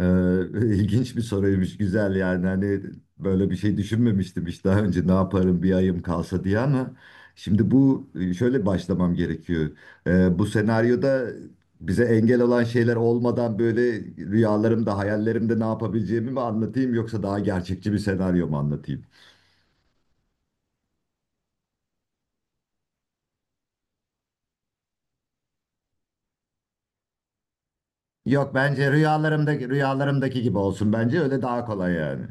Ee, ilginç bir soruymuş, güzel yani hani böyle bir şey düşünmemiştim hiç daha önce ne yaparım bir ayım kalsa diye ama şimdi bu şöyle başlamam gerekiyor. Bu senaryoda bize engel olan şeyler olmadan böyle rüyalarımda, hayallerimde ne yapabileceğimi mi anlatayım yoksa daha gerçekçi bir senaryo mu anlatayım? Yok bence rüyalarımdaki gibi olsun bence öyle daha kolay yani.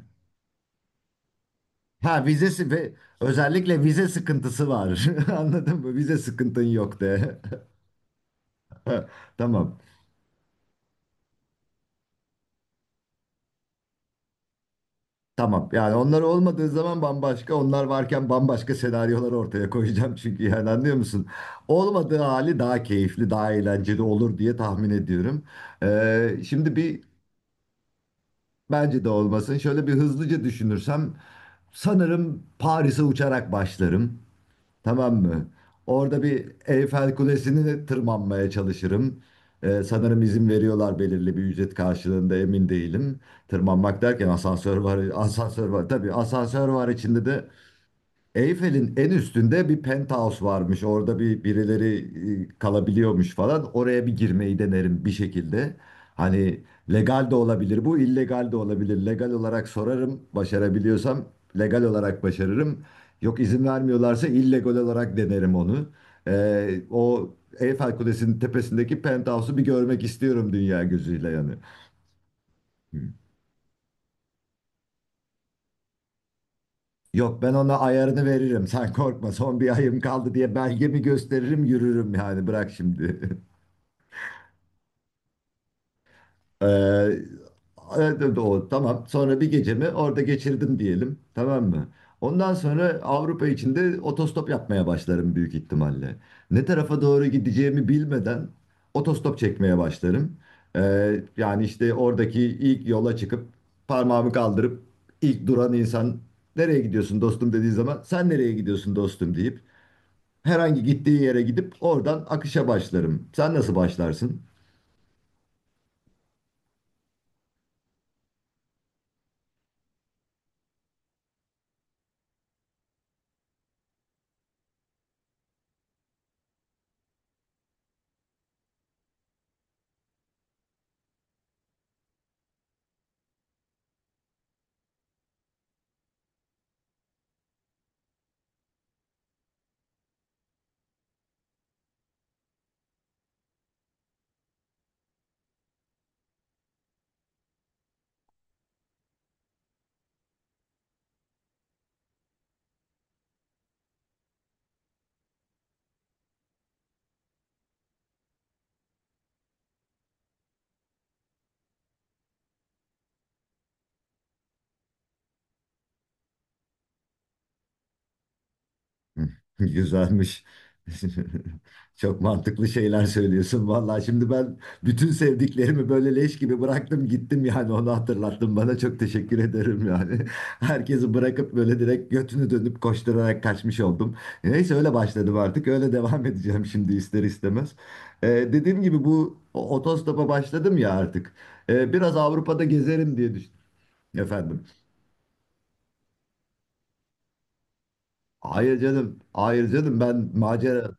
Ha vizesi ve özellikle vize sıkıntısı var. Anladın mı? Vize sıkıntın yok de. Ha, tamam. Tamam. Yani onlar olmadığı zaman bambaşka, onlar varken bambaşka senaryolar ortaya koyacağım çünkü yani anlıyor musun? Olmadığı hali daha keyifli, daha eğlenceli olur diye tahmin ediyorum. Şimdi bir bence de olmasın. Şöyle bir hızlıca düşünürsem sanırım Paris'e uçarak başlarım. Tamam mı? Orada bir Eyfel Kulesi'ni de tırmanmaya çalışırım. Sanırım izin veriyorlar belirli bir ücret karşılığında emin değilim. Tırmanmak derken asansör var, asansör var. Tabii asansör var içinde de Eyfel'in en üstünde bir penthouse varmış. Orada bir birileri kalabiliyormuş falan. Oraya bir girmeyi denerim bir şekilde. Hani legal de olabilir bu, illegal de olabilir. Legal olarak sorarım, başarabiliyorsam legal olarak başarırım. Yok izin vermiyorlarsa illegal olarak denerim onu. O Eyfel Kulesi'nin tepesindeki penthouse'u bir görmek istiyorum dünya gözüyle yani. Yok ben ona ayarını veririm. Sen korkma son bir ayım kaldı diye belgemi gösteririm yürürüm yani bırak şimdi. Ee, evet, tamam sonra bir gecemi orada geçirdim diyelim tamam mı? Ondan sonra Avrupa içinde otostop yapmaya başlarım büyük ihtimalle. Ne tarafa doğru gideceğimi bilmeden otostop çekmeye başlarım. Yani işte oradaki ilk yola çıkıp parmağımı kaldırıp ilk duran insan nereye gidiyorsun dostum dediği zaman sen nereye gidiyorsun dostum deyip herhangi gittiği yere gidip oradan akışa başlarım. Sen nasıl başlarsın? Güzelmiş. Çok mantıklı şeyler söylüyorsun. Vallahi şimdi ben bütün sevdiklerimi böyle leş gibi bıraktım gittim yani onu hatırlattın bana çok teşekkür ederim yani. Herkesi bırakıp böyle direkt götünü dönüp koşturarak kaçmış oldum. Neyse öyle başladım artık öyle devam edeceğim şimdi ister istemez. Dediğim gibi bu otostopa başladım ya artık. Biraz Avrupa'da gezerim diye düşündüm efendim. Hayır canım. Hayır canım ben macera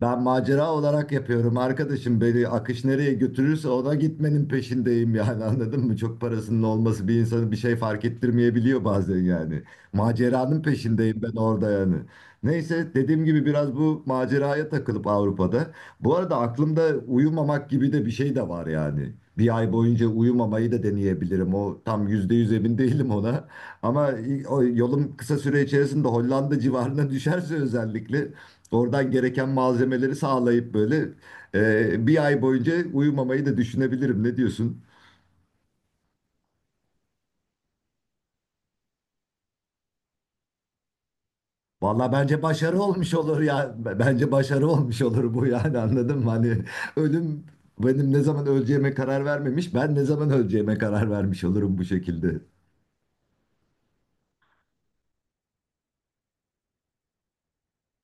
ben macera olarak yapıyorum arkadaşım. Beni akış nereye götürürse ona gitmenin peşindeyim yani anladın mı? Çok parasının olması bir insanı bir şey fark ettirmeyebiliyor bazen yani. Maceranın peşindeyim ben orada yani. Neyse dediğim gibi biraz bu maceraya takılıp Avrupa'da. Bu arada aklımda uyumamak gibi de bir şey de var yani. Bir ay boyunca uyumamayı da deneyebilirim. O tam %100 emin değilim ona. Ama o yolum kısa süre içerisinde Hollanda civarına düşerse özellikle oradan gereken malzemeleri sağlayıp böyle bir ay boyunca uyumamayı da düşünebilirim. Ne diyorsun? Valla bence başarı olmuş olur ya. Bence başarı olmuş olur bu yani anladın mı? Hani ölüm benim ne zaman öleceğime karar vermemiş. Ben ne zaman öleceğime karar vermiş olurum bu şekilde.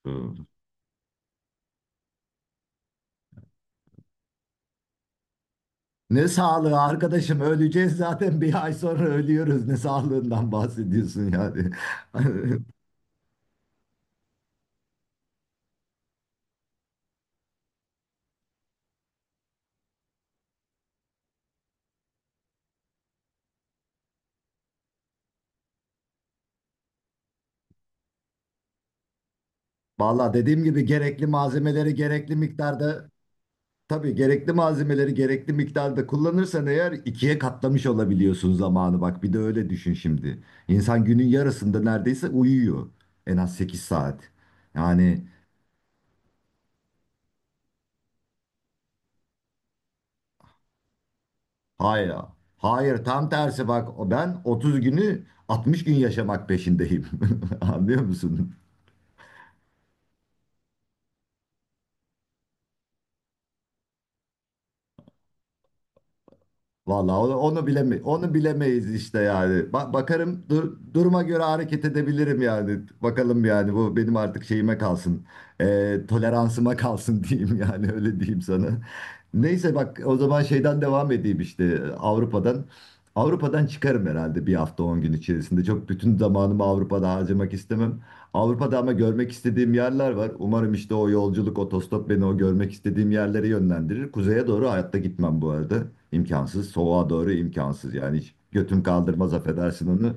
Hmm. Ne sağlığı arkadaşım öleceğiz zaten bir ay sonra ölüyoruz. Ne sağlığından bahsediyorsun yani. Valla dediğim gibi gerekli malzemeleri gerekli miktarda tabii gerekli malzemeleri gerekli miktarda kullanırsan eğer ikiye katlamış olabiliyorsun zamanı. Bak bir de öyle düşün şimdi. İnsan günün yarısında neredeyse uyuyor. En az 8 saat. Yani hayır. Hayır tam tersi bak ben 30 günü 60 gün yaşamak peşindeyim. Anlıyor musun? Vallahi onu bilemeyiz işte yani. Bakarım duruma göre hareket edebilirim yani. Bakalım yani bu benim artık şeyime kalsın. Toleransıma kalsın diyeyim yani öyle diyeyim sana. Neyse bak o zaman şeyden devam edeyim işte Avrupa'dan. Avrupa'dan çıkarım herhalde bir hafta 10 gün içerisinde. Çok bütün zamanımı Avrupa'da harcamak istemem. Avrupa'da ama görmek istediğim yerler var. Umarım işte o yolculuk, otostop beni o görmek istediğim yerlere yönlendirir. Kuzeye doğru hayatta gitmem bu arada. İmkansız. Soğuğa doğru imkansız. Yani hiç götüm kaldırmaz affedersin onu.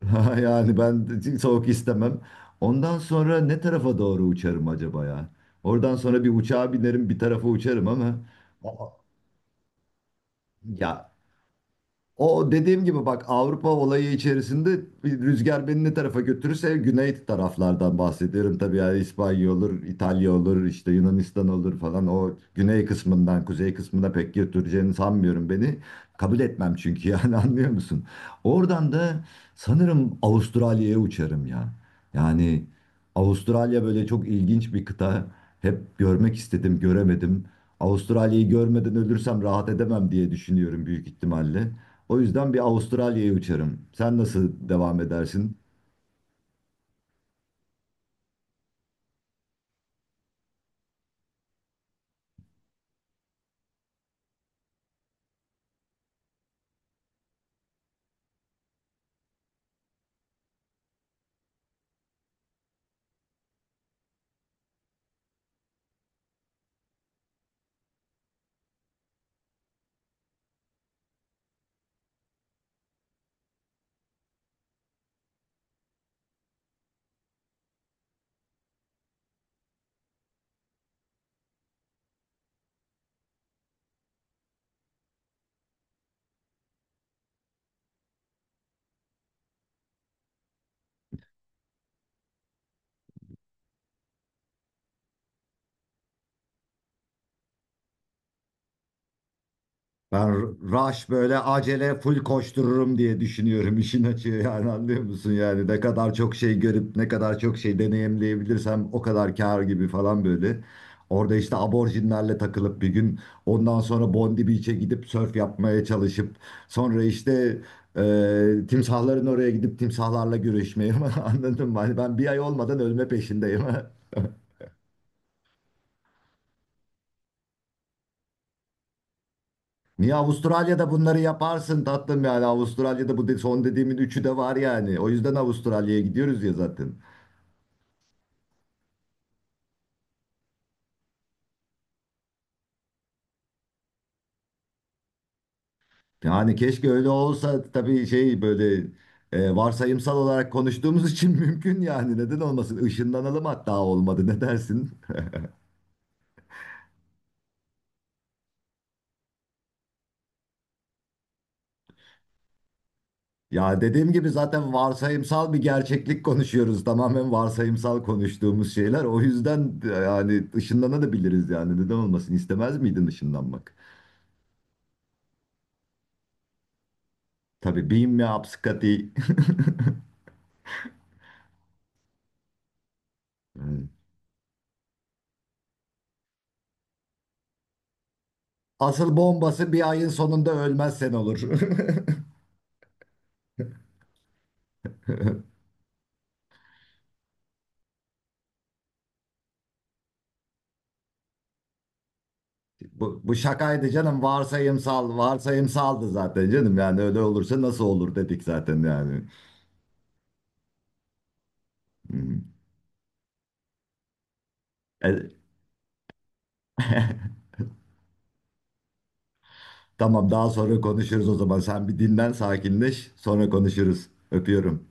Yani ben soğuk istemem. Ondan sonra ne tarafa doğru uçarım acaba ya? Oradan sonra bir uçağa binerim, bir tarafa uçarım ama... Aa, ya o dediğim gibi bak Avrupa olayı içerisinde bir rüzgar beni ne tarafa götürürse güney taraflardan bahsediyorum. Tabii yani İspanya olur, İtalya olur, işte Yunanistan olur falan. O güney kısmından kuzey kısmına pek götüreceğini sanmıyorum beni. Kabul etmem çünkü yani anlıyor musun? Oradan da sanırım Avustralya'ya uçarım ya. Yani Avustralya böyle çok ilginç bir kıta. Hep görmek istedim, göremedim. Avustralya'yı görmeden ölürsem rahat edemem diye düşünüyorum büyük ihtimalle. O yüzden bir Avustralya'ya uçarım. Sen nasıl devam edersin? Ben rush böyle acele full koştururum diye düşünüyorum işin açığı yani anlıyor musun yani ne kadar çok şey görüp ne kadar çok şey deneyimleyebilirsem o kadar kâr gibi falan böyle. Orada işte aborjinlerle takılıp bir gün ondan sonra Bondi Beach'e gidip sörf yapmaya çalışıp sonra işte timsahların oraya gidip timsahlarla görüşmeye anladın mı? Hani ben bir ay olmadan ölme peşindeyim. Niye Avustralya'da bunları yaparsın tatlım yani Avustralya'da bu son dediğimin üçü de var yani. O yüzden Avustralya'ya gidiyoruz ya zaten. Yani keşke öyle olsa tabii şey böyle varsayımsal olarak konuştuğumuz için mümkün yani neden olmasın? Işınlanalım hatta olmadı ne dersin? Ya dediğim gibi zaten varsayımsal bir gerçeklik konuşuyoruz. Tamamen varsayımsal konuştuğumuz şeyler. O yüzden yani ışınlanabiliriz yani neden olmasın? İstemez miydin ışınlanmak? Tabii beam me up Scotty. Asıl bombası bir ayın sonunda ölmezsen olur. Bu, bu şakaydı canım. Varsayımsaldı zaten canım. Yani öyle olursa nasıl olur dedik zaten yani. Hı hı. E, tamam daha sonra konuşuruz o zaman. Sen bir dinlen, sakinleş. Sonra konuşuruz. Öpüyorum.